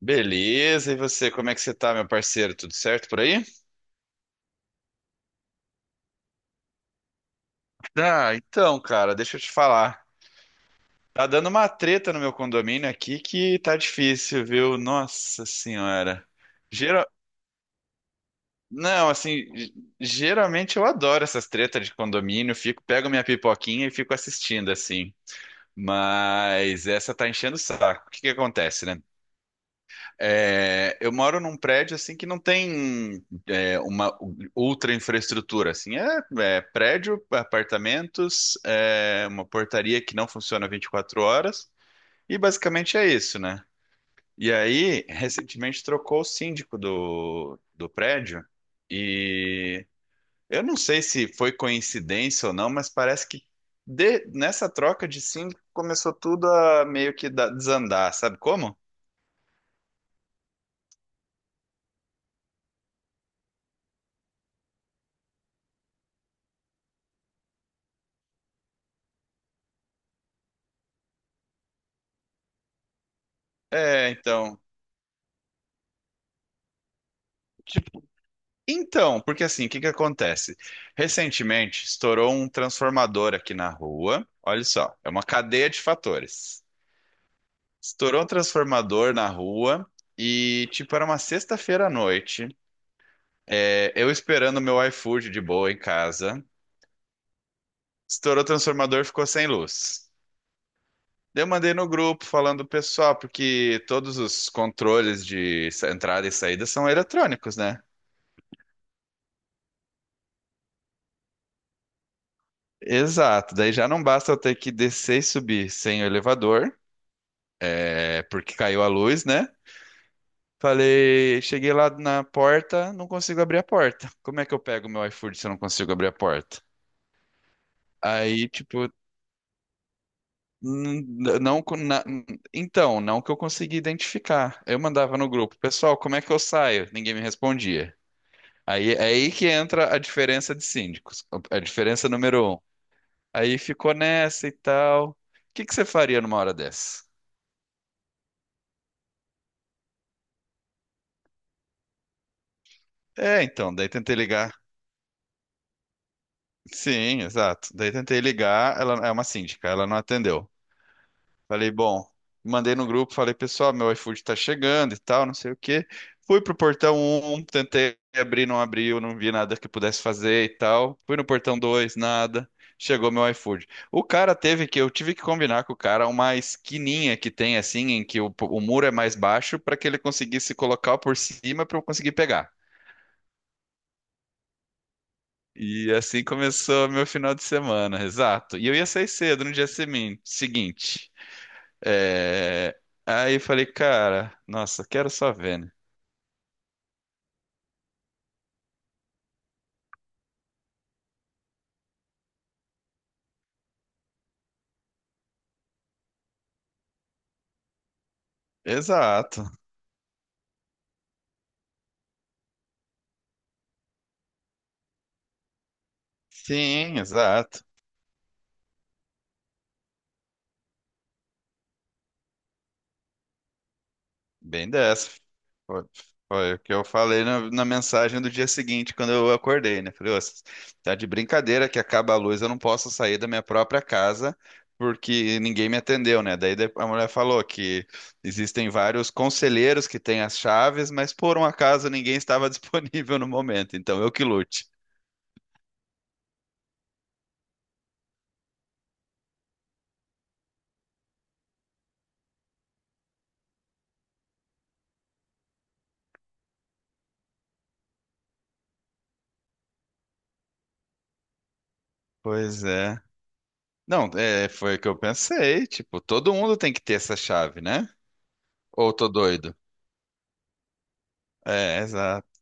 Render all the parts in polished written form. Beleza, e você, como é que você tá, meu parceiro? Tudo certo por aí? Ah, então, cara, deixa eu te falar. Tá dando uma treta no meu condomínio aqui que tá difícil, viu? Nossa senhora. Gera... Não, assim, geralmente eu adoro essas tretas de condomínio, fico, pego minha pipoquinha e fico assistindo, assim. Mas essa tá enchendo o saco. O que que acontece, né? É, eu moro num prédio assim que não tem é, uma ultra infraestrutura assim é, é prédio, apartamentos, é, uma portaria que não funciona 24 horas e basicamente é isso, né? E aí recentemente trocou o síndico do prédio e eu não sei se foi coincidência ou não, mas parece que nessa troca de síndico começou tudo a meio que desandar, sabe como? É, então. tipo, Então, porque assim, o que que acontece? Recentemente estourou um transformador aqui na rua. Olha só, é uma cadeia de fatores. Estourou um transformador na rua e, tipo, era uma sexta-feira à noite. É, eu esperando meu iFood de boa em casa. Estourou o transformador, ficou sem luz. Daí eu mandei no grupo falando, pessoal, porque todos os controles de entrada e saída são eletrônicos, né? Exato, daí já não basta eu ter que descer e subir sem o elevador. É, porque caiu a luz, né? Falei, cheguei lá na porta, não consigo abrir a porta. Como é que eu pego meu iFood se eu não consigo abrir a porta? Aí, tipo, não, então, não que eu consegui identificar. Eu mandava no grupo, pessoal, como é que eu saio? Ninguém me respondia. Aí, é aí que entra a diferença de síndicos, a diferença número 1. Aí ficou nessa e tal. O que que você faria numa hora dessa? É, então, daí tentei ligar. Sim, exato. Daí tentei ligar, ela é uma síndica, ela não atendeu. Falei, bom, mandei no grupo, falei, pessoal, meu iFood tá chegando e tal, não sei o quê. Fui pro portão um, tentei abrir, não abriu, não vi nada que pudesse fazer e tal. Fui no portão 2, nada. Chegou meu iFood. O cara teve que, eu tive que combinar com o cara uma esquininha que tem assim, em que o muro é mais baixo, para que ele conseguisse colocar por cima para eu conseguir pegar. E assim começou meu final de semana, exato. E eu ia sair cedo no dia seguinte. É, aí eu falei, cara, nossa, quero só ver, né? Exato. Sim, exato. Bem dessa. Foi, foi o que eu falei na mensagem do dia seguinte, quando eu acordei, né? Falei, "Ô, tá de brincadeira que acaba a luz, eu não posso sair da minha própria casa porque ninguém me atendeu, né? Daí a mulher falou que existem vários conselheiros que têm as chaves, mas por um acaso ninguém estava disponível no momento, então eu que lute. Pois é. Não, é, foi o que eu pensei, tipo, todo mundo tem que ter essa chave, né? Ou eu tô doido? É, exato.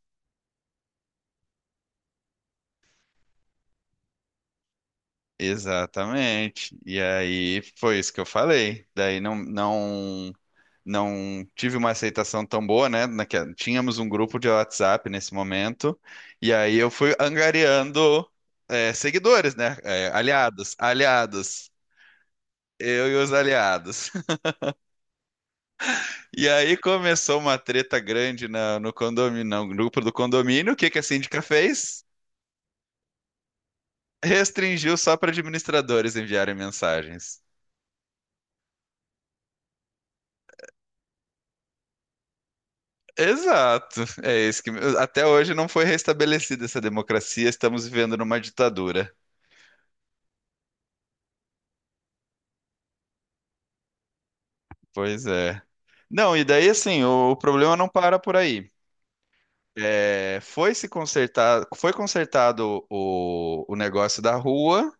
Exatamente. E aí foi isso que eu falei. Daí não tive uma aceitação tão boa, né? Tínhamos um grupo de WhatsApp nesse momento, e aí eu fui angariando é, seguidores, né? É, aliados, aliados. Eu e os aliados. E aí começou uma treta grande no condomínio, no grupo do condomínio. O que que a síndica fez? Restringiu só para administradores enviarem mensagens. Exato. É isso que até hoje não foi restabelecida essa democracia, estamos vivendo numa ditadura. Pois é. Não, e daí assim, o problema não para por aí. É, foi se consertar, foi consertado o negócio da rua,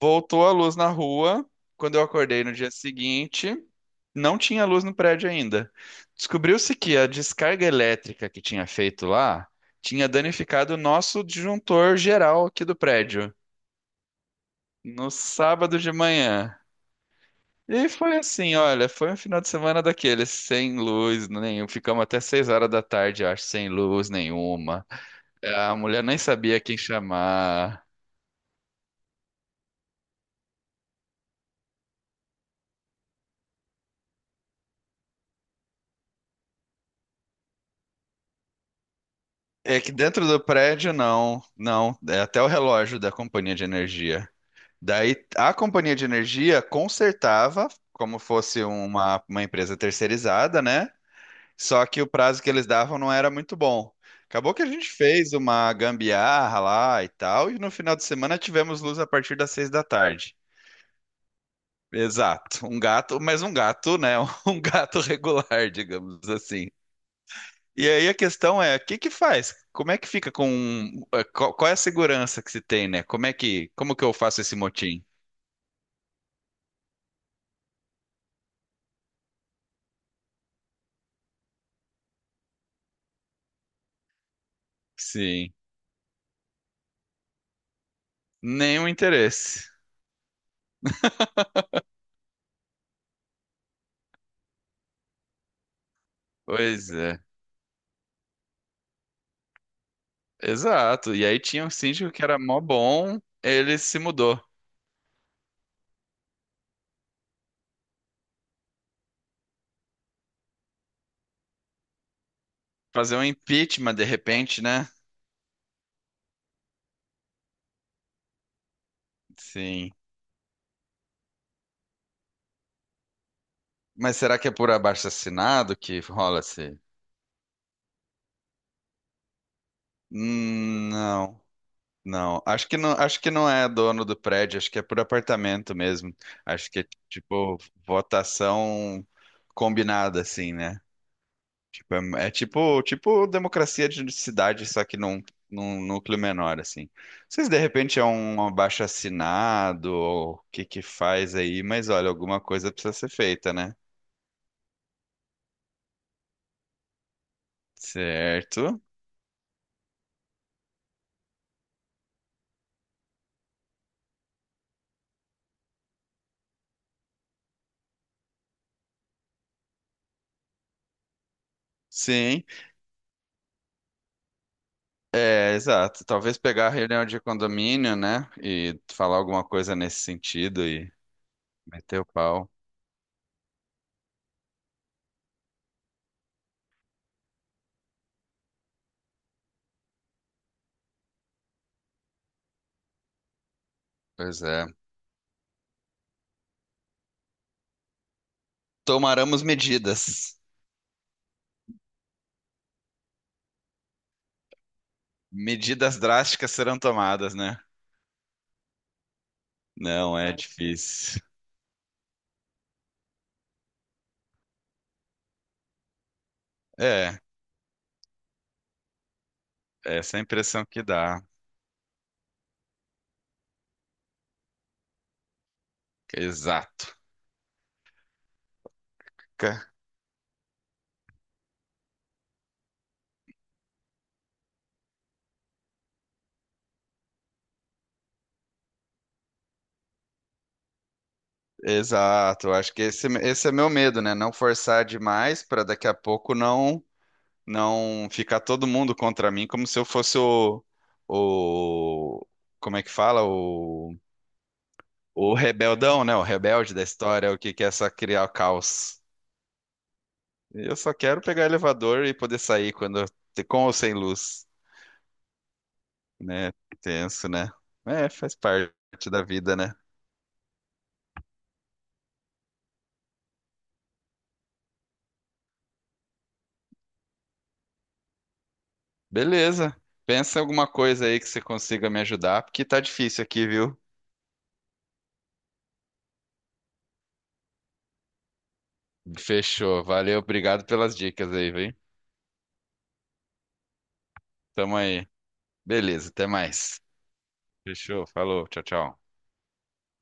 voltou a luz na rua. Quando eu acordei no dia seguinte, não tinha luz no prédio ainda. Descobriu-se que a descarga elétrica que tinha feito lá tinha danificado o nosso disjuntor geral aqui do prédio. No sábado de manhã. E foi assim, olha, foi um final de semana daqueles, sem luz nenhum. Ficamos até 6 horas da tarde, eu acho, sem luz nenhuma. A mulher nem sabia quem chamar. É que dentro do prédio, não, não. É até o relógio da companhia de energia. Daí a companhia de energia consertava, como fosse uma empresa terceirizada, né? Só que o prazo que eles davam não era muito bom. Acabou que a gente fez uma gambiarra lá e tal, e no final de semana tivemos luz a partir das 6 da tarde. Exato, um gato, mas um gato, né? Um gato regular, digamos assim. E aí a questão é, o que que faz? Como é que fica com... eh, Qual é a segurança que se tem, né? Como é que... Como que eu faço esse motim? Sim, nenhum interesse. Pois é, exato. E aí tinha um síndico que era mó bom, ele se mudou. Fazer um impeachment de repente, né? Sim. Mas será que é por abaixo-assinado que rola-se? Não, não. Acho que não, acho que não é dono do prédio, acho que é por apartamento mesmo. Acho que é tipo votação combinada, assim, né? Tipo, é, é tipo, tipo democracia de cidade, só que num núcleo menor, assim. Não sei se de repente é um abaixo-assinado ou o que que faz aí, mas olha, alguma coisa precisa ser feita, né? Certo. Sim, é, exato. Talvez pegar a reunião de condomínio, né? E falar alguma coisa nesse sentido e meter o pau. Pois é. Tomaremos medidas. Medidas drásticas serão tomadas, né? Não é difícil. É, essa é a impressão que dá. Exato. Ca- Exato. Acho que esse é meu medo, né? Não forçar demais para daqui a pouco não. Não ficar todo mundo contra mim como se eu fosse o como é que fala? O rebeldão, né? O rebelde da história, o que que é só criar caos. Eu só quero pegar elevador e poder sair quando com ou sem luz, né? Tenso, né? É, faz parte da vida, né? Beleza. Pensa em alguma coisa aí que você consiga me ajudar, porque tá difícil aqui, viu? Fechou. Valeu, obrigado pelas dicas aí, viu? Tamo aí. Beleza, até mais. Fechou, falou, tchau, tchau.